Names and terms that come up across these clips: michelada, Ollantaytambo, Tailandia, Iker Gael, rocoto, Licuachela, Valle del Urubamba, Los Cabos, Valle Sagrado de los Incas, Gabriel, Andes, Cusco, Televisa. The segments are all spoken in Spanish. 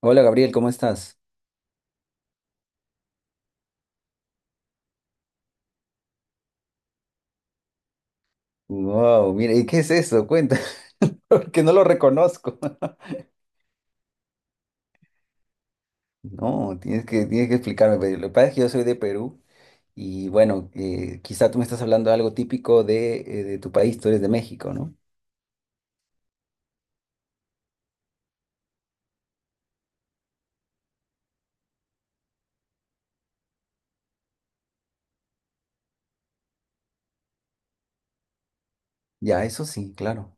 Hola, Gabriel, ¿cómo estás? Wow, mira, ¿y qué es eso? Cuenta, porque no lo reconozco. No, tienes que explicarme. Pero lo que pasa es que yo soy de Perú y bueno, quizá tú me estás hablando de algo típico de tu país. Tú eres de México, ¿no? Ya, eso sí, claro.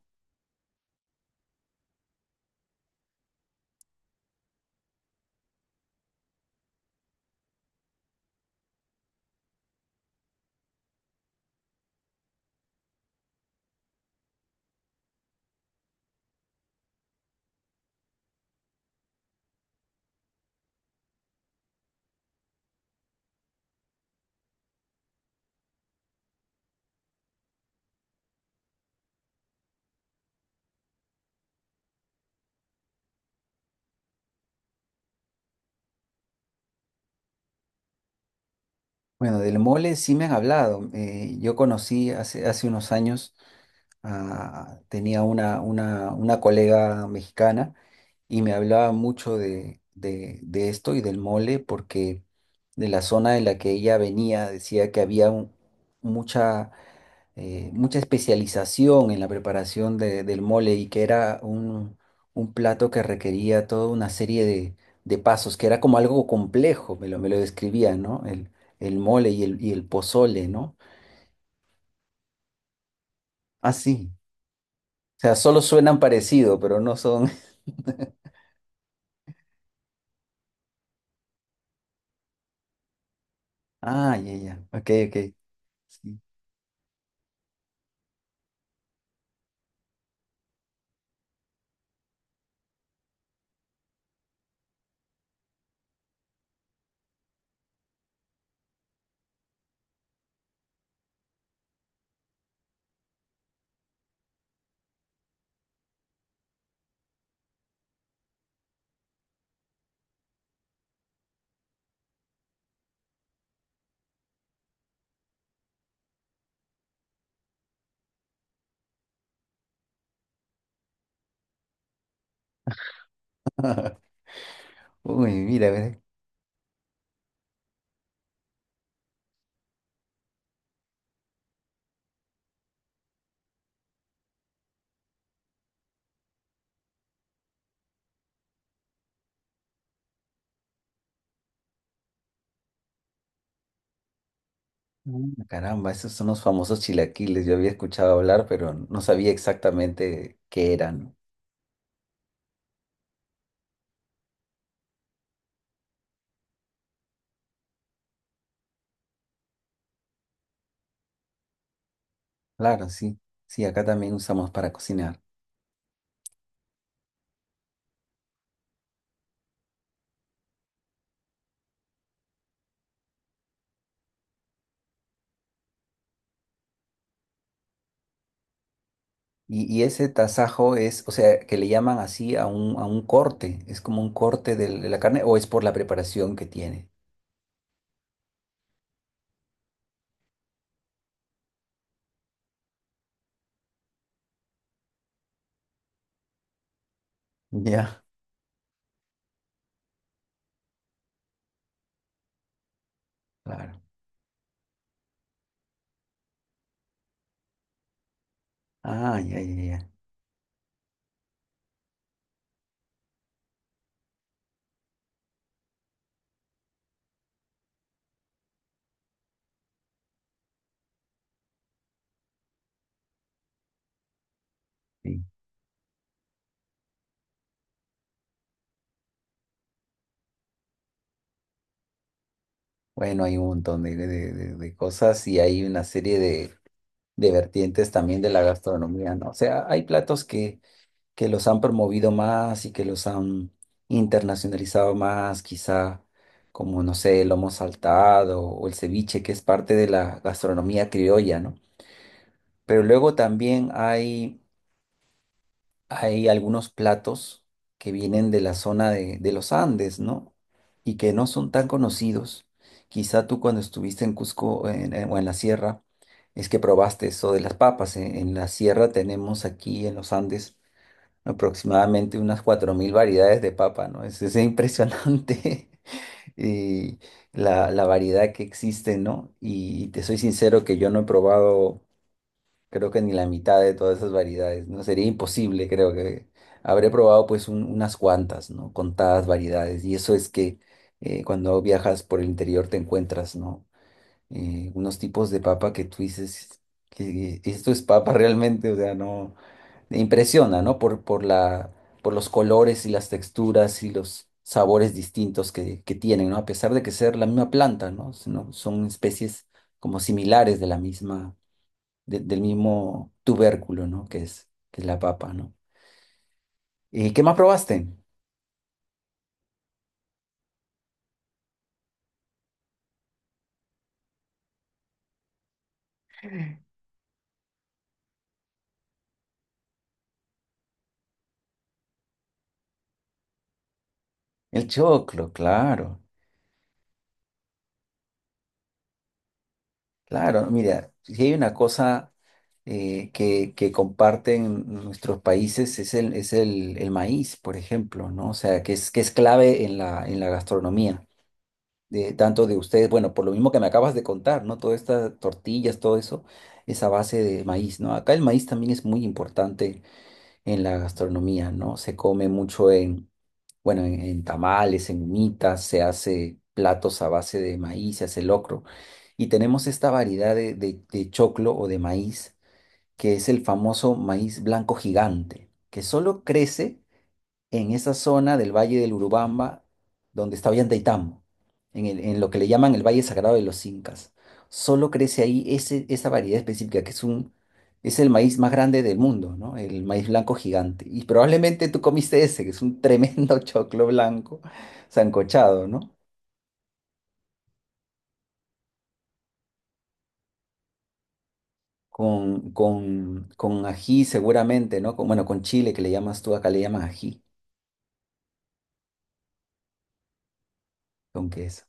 Bueno, del mole sí me han hablado. Yo conocí hace, hace unos años, tenía una, una colega mexicana y me hablaba mucho de, de esto y del mole porque de la zona de la que ella venía decía que había mucha, mucha especialización en la preparación del mole y que era un plato que requería toda una serie de pasos, que era como algo complejo, me lo describía, ¿no? El mole y el pozole, ¿no? Ah, sí. O sea, solo suenan parecido, pero no son... Ah, ya, ya. Ok, ok. Sí. Uy, mira, a ver. Mm, Caramba, esos son los famosos chilaquiles. Yo había escuchado hablar, pero no sabía exactamente qué eran. Claro, sí. Sí, acá también usamos para cocinar. Y ese tasajo es, o sea, ¿que le llaman así a un corte? ¿Es como un corte de la carne o es por la preparación que tiene? Ya, claro. Ah, ya, ya, ya. Sí. Bueno, hay un montón de, de cosas y hay una serie de vertientes también de la gastronomía, ¿no? O sea, hay platos que los han promovido más y que los han internacionalizado más, quizá como, no sé, el lomo saltado o el ceviche, que es parte de la gastronomía criolla, ¿no? Pero luego también hay algunos platos que vienen de la zona de los Andes, ¿no? Y que no son tan conocidos. Quizá tú cuando estuviste en Cusco o en la sierra, es que probaste eso de las papas. En la sierra tenemos aquí en los Andes aproximadamente unas 4.000 variedades de papa, ¿no? Es impresionante y la variedad que existe, ¿no? Y, te soy sincero que yo no he probado, creo que ni la mitad de todas esas variedades, ¿no? Sería imposible, creo que habré probado pues unas cuantas, ¿no? Contadas variedades. Y eso es que cuando viajas por el interior te encuentras, ¿no? Unos tipos de papa que tú dices, que esto es papa realmente, o sea, no. Impresiona, ¿no? Por, por los colores y las texturas y los sabores distintos que tienen, ¿no? A pesar de que ser la misma planta, ¿no? Son especies como similares de la misma, del mismo tubérculo, ¿no? Que es la papa, ¿no? ¿Y qué más probaste? El choclo, claro, claro. Mira, si hay una cosa que comparten nuestros países es el, el maíz, por ejemplo, ¿no? O sea, que es clave en la gastronomía. De tanto de ustedes, bueno, por lo mismo que me acabas de contar, ¿no? Todas estas tortillas, todo eso, esa base de maíz, ¿no? Acá el maíz también es muy importante en la gastronomía, ¿no? Se come mucho en, bueno, en tamales, en humitas, se hace platos a base de maíz, se hace locro. Y tenemos esta variedad de, de choclo o de maíz, que es el famoso maíz blanco gigante, que solo crece en esa zona del Valle del Urubamba, donde está Ollantaytambo, en en lo que le llaman el Valle Sagrado de los Incas. Solo crece ahí ese, esa variedad específica, que es un, es el maíz más grande del mundo, ¿no? El maíz blanco gigante. Y probablemente tú comiste ese, que es un tremendo choclo blanco sancochado, ¿no? Con, con ají seguramente, ¿no? Con, bueno, con chile que le llamas tú, acá le llaman ají, con queso.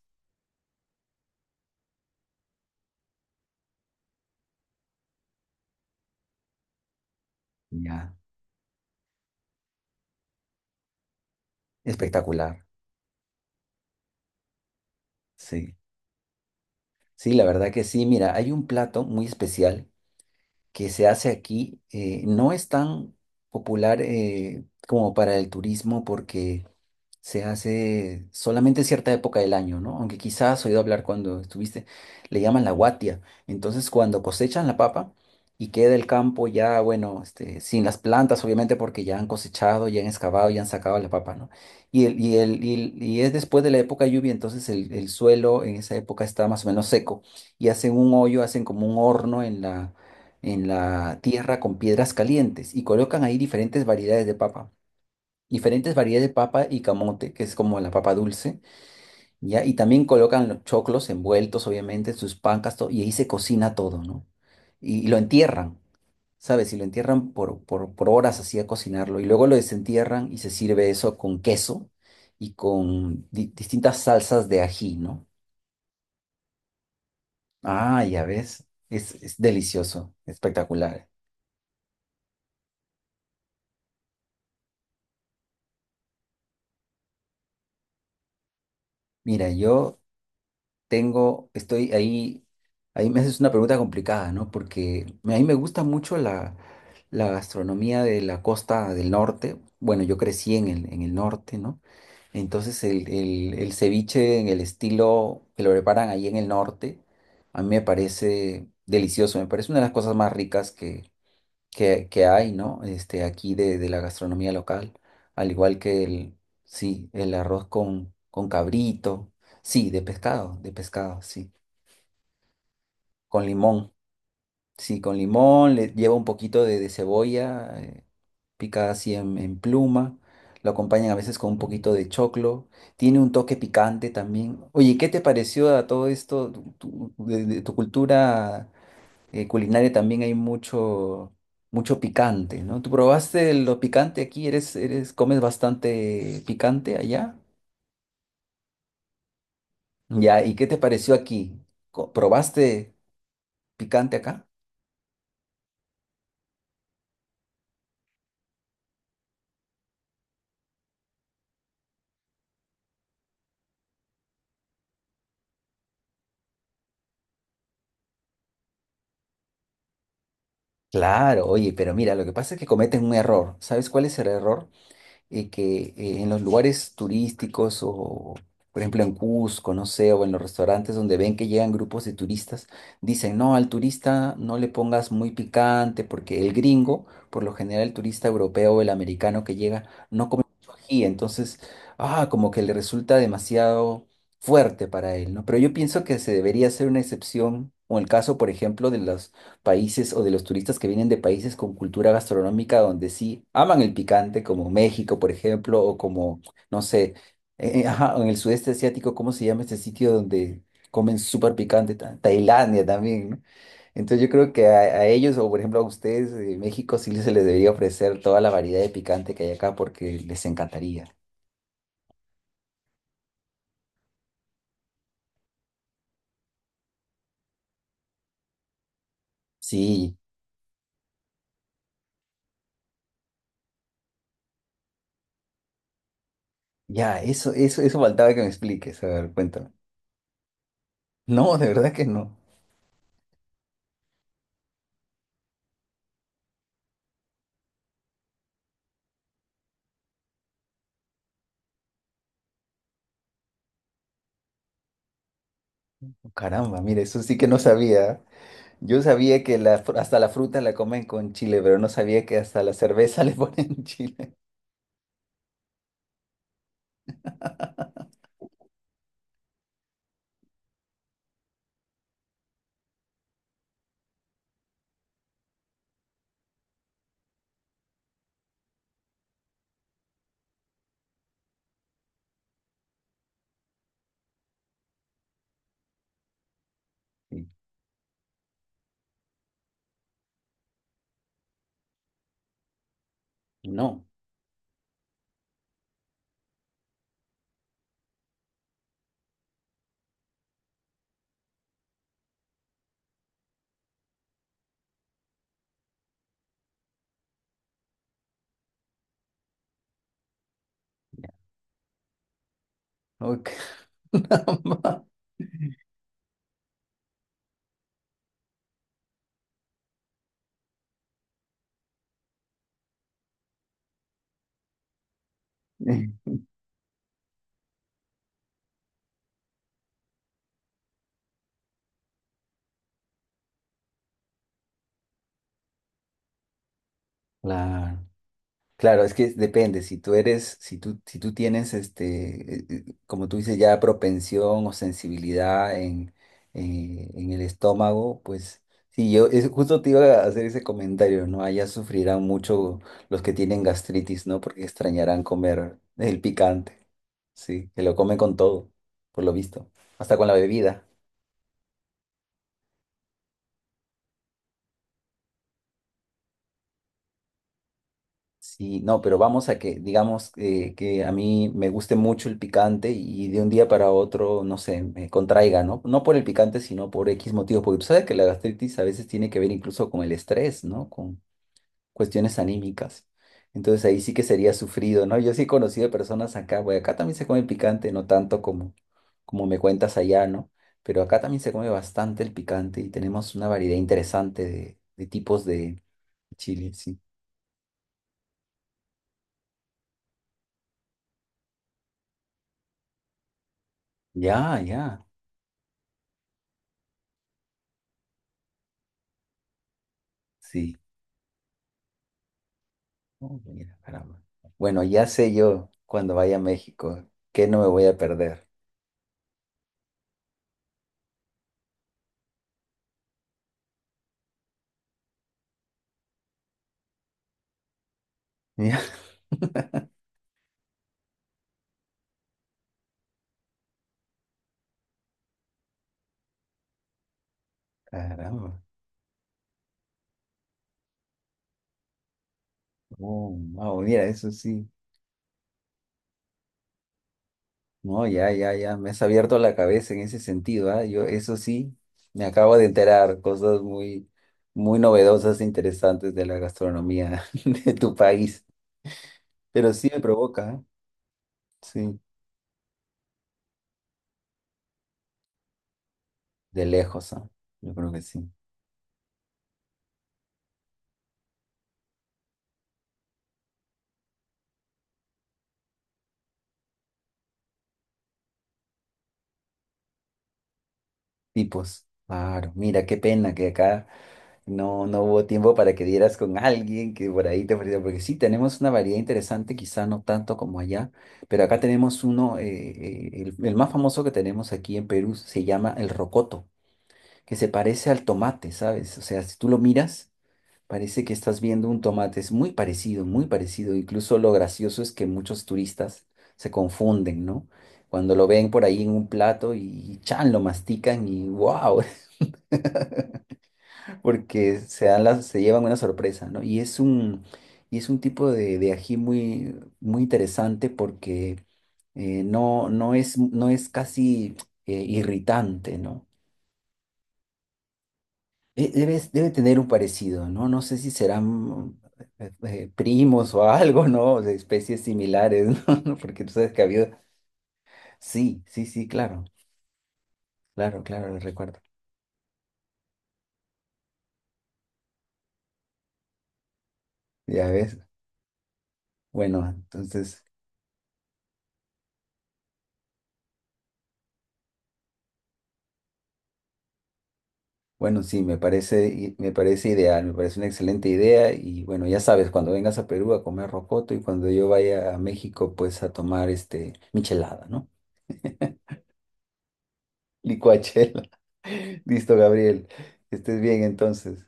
Ya, espectacular, sí. Sí, la verdad que sí. Mira, hay un plato muy especial que se hace aquí. No es tan popular como para el turismo porque se hace solamente en cierta época del año, ¿no? Aunque quizás has oído hablar cuando estuviste, le llaman la guatia. Entonces, cuando cosechan la papa y queda el campo ya, bueno, sin las plantas, obviamente, porque ya han cosechado, ya han excavado, ya han sacado la papa, ¿no? Y es después de la época de lluvia, entonces el suelo en esa época está más o menos seco y hacen un hoyo, hacen como un horno en la tierra con piedras calientes y colocan ahí diferentes variedades de papa diferentes variedades de papa y camote, que es como la papa dulce, ¿ya? Y también colocan los choclos envueltos, obviamente, sus pancas, todo, y ahí se cocina todo, ¿no? Y lo entierran, ¿sabes? Y lo entierran por, por horas así a cocinarlo, y luego lo desentierran y se sirve eso con queso y con distintas salsas de ají, ¿no? Ah, ya ves, es delicioso, espectacular. Mira, yo tengo, estoy ahí, ahí me haces una pregunta complicada, ¿no? Porque a mí me gusta mucho la, la gastronomía de la costa del norte. Bueno, yo crecí en el norte, ¿no? Entonces el, el ceviche en el estilo que lo preparan ahí en el norte, a mí me parece delicioso, me parece una de las cosas más ricas que hay, ¿no? Este, aquí de la gastronomía local, al igual que sí, el arroz con cabrito, sí, de pescado, con limón, sí, con limón, le lleva un poquito de cebolla, picada así en pluma, lo acompañan a veces con un poquito de choclo, tiene un toque picante también. Oye, ¿qué te pareció a todo esto, tu, de tu cultura? Culinaria también hay mucho, mucho picante, ¿no? ¿Tú probaste lo picante aquí? ¿Eres, eres, comes bastante picante allá? Ya, ¿y qué te pareció aquí? ¿Probaste picante acá? Claro, oye, pero mira, lo que pasa es que cometen un error. ¿Sabes cuál es el error? Que en los lugares turísticos o, por ejemplo, en Cusco, no sé, o en los restaurantes donde ven que llegan grupos de turistas, dicen, no, al turista no le pongas muy picante porque el gringo, por lo general el turista europeo o el americano que llega, no come mucho ají, entonces, ah, como que le resulta demasiado fuerte para él, ¿no? Pero yo pienso que se debería hacer una excepción, o el caso, por ejemplo, de los países o de los turistas que vienen de países con cultura gastronómica donde sí aman el picante, como México, por ejemplo, o como, no sé, ajá, en el sudeste asiático, ¿cómo se llama este sitio donde comen súper picante? Tailandia también, ¿no? Entonces yo creo que a ellos, o por ejemplo a ustedes, de México, sí se les debería ofrecer toda la variedad de picante que hay acá porque les encantaría. Sí, ya, eso faltaba que me expliques. A ver, cuéntame. No, de verdad que no. Caramba, mira, eso sí que no sabía. Yo sabía que la, hasta la fruta la comen con chile, pero no sabía que hasta la cerveza le ponen chile. Y no, no, caramba. Sí. Claro. Claro, es que depende, si tú eres, si tú, si tú tienes, como tú dices, ya propensión o sensibilidad en el estómago, pues sí, yo es, justo te iba a hacer ese comentario, ¿no? Allá sufrirán mucho los que tienen gastritis, ¿no? Porque extrañarán comer el picante, sí, que lo comen con todo, por lo visto, hasta con la bebida. Sí, no, pero vamos a que, digamos, que a mí me guste mucho el picante y de un día para otro, no sé, me contraiga, ¿no? No por el picante, sino por X motivos, porque tú sabes que la gastritis a veces tiene que ver incluso con el estrés, ¿no? Con cuestiones anímicas. Entonces ahí sí que sería sufrido, ¿no? Yo sí he conocido personas acá, bueno, acá también se come picante, no tanto como, como me cuentas allá, ¿no? Pero acá también se come bastante el picante y tenemos una variedad interesante de tipos de chile, sí. Ya, ya, sí. Oh, mira, caramba. Bueno, ya sé yo cuando vaya a México que no me voy a perder. Ya, caramba. Oh, wow, mira, eso sí. No, ya, ya, ya. Me has abierto la cabeza en ese sentido, ¿ah? Yo, eso sí, me acabo de enterar cosas muy, muy novedosas e interesantes de la gastronomía de tu país. Pero sí me provoca, ¿ah? Sí, de lejos, ¿ah? Yo creo que sí. Tipos. Claro, mira, qué pena que acá. No, no hubo tiempo para que dieras con alguien que por ahí te ofreciera, porque sí, tenemos una variedad interesante, quizá no tanto como allá, pero acá tenemos uno, el más famoso que tenemos aquí en Perú se llama el rocoto, que se parece al tomate, ¿sabes? O sea, si tú lo miras, parece que estás viendo un tomate, es muy parecido, incluso lo gracioso es que muchos turistas se confunden, ¿no? Cuando lo ven por ahí en un plato y chan, lo mastican y wow, porque se dan las, se llevan una sorpresa, ¿no? Y es un tipo de ají muy, muy interesante porque no, no es, no es casi irritante, ¿no? Debe, debe tener un parecido, ¿no? No sé si serán primos o algo, ¿no? De especies similares, ¿no? Porque tú sabes que ha habido... Sí, sí, sí, claro, claro, claro, lo recuerdo. Ya ves. Bueno, entonces... Bueno, sí, me parece, me parece ideal, me parece una excelente idea y bueno, ya sabes, cuando vengas a Perú a comer rocoto y cuando yo vaya a México, pues a tomar este michelada, ¿no? Licuachela. Listo, Gabriel. Que estés bien entonces.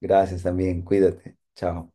Gracias también, cuídate. Chao.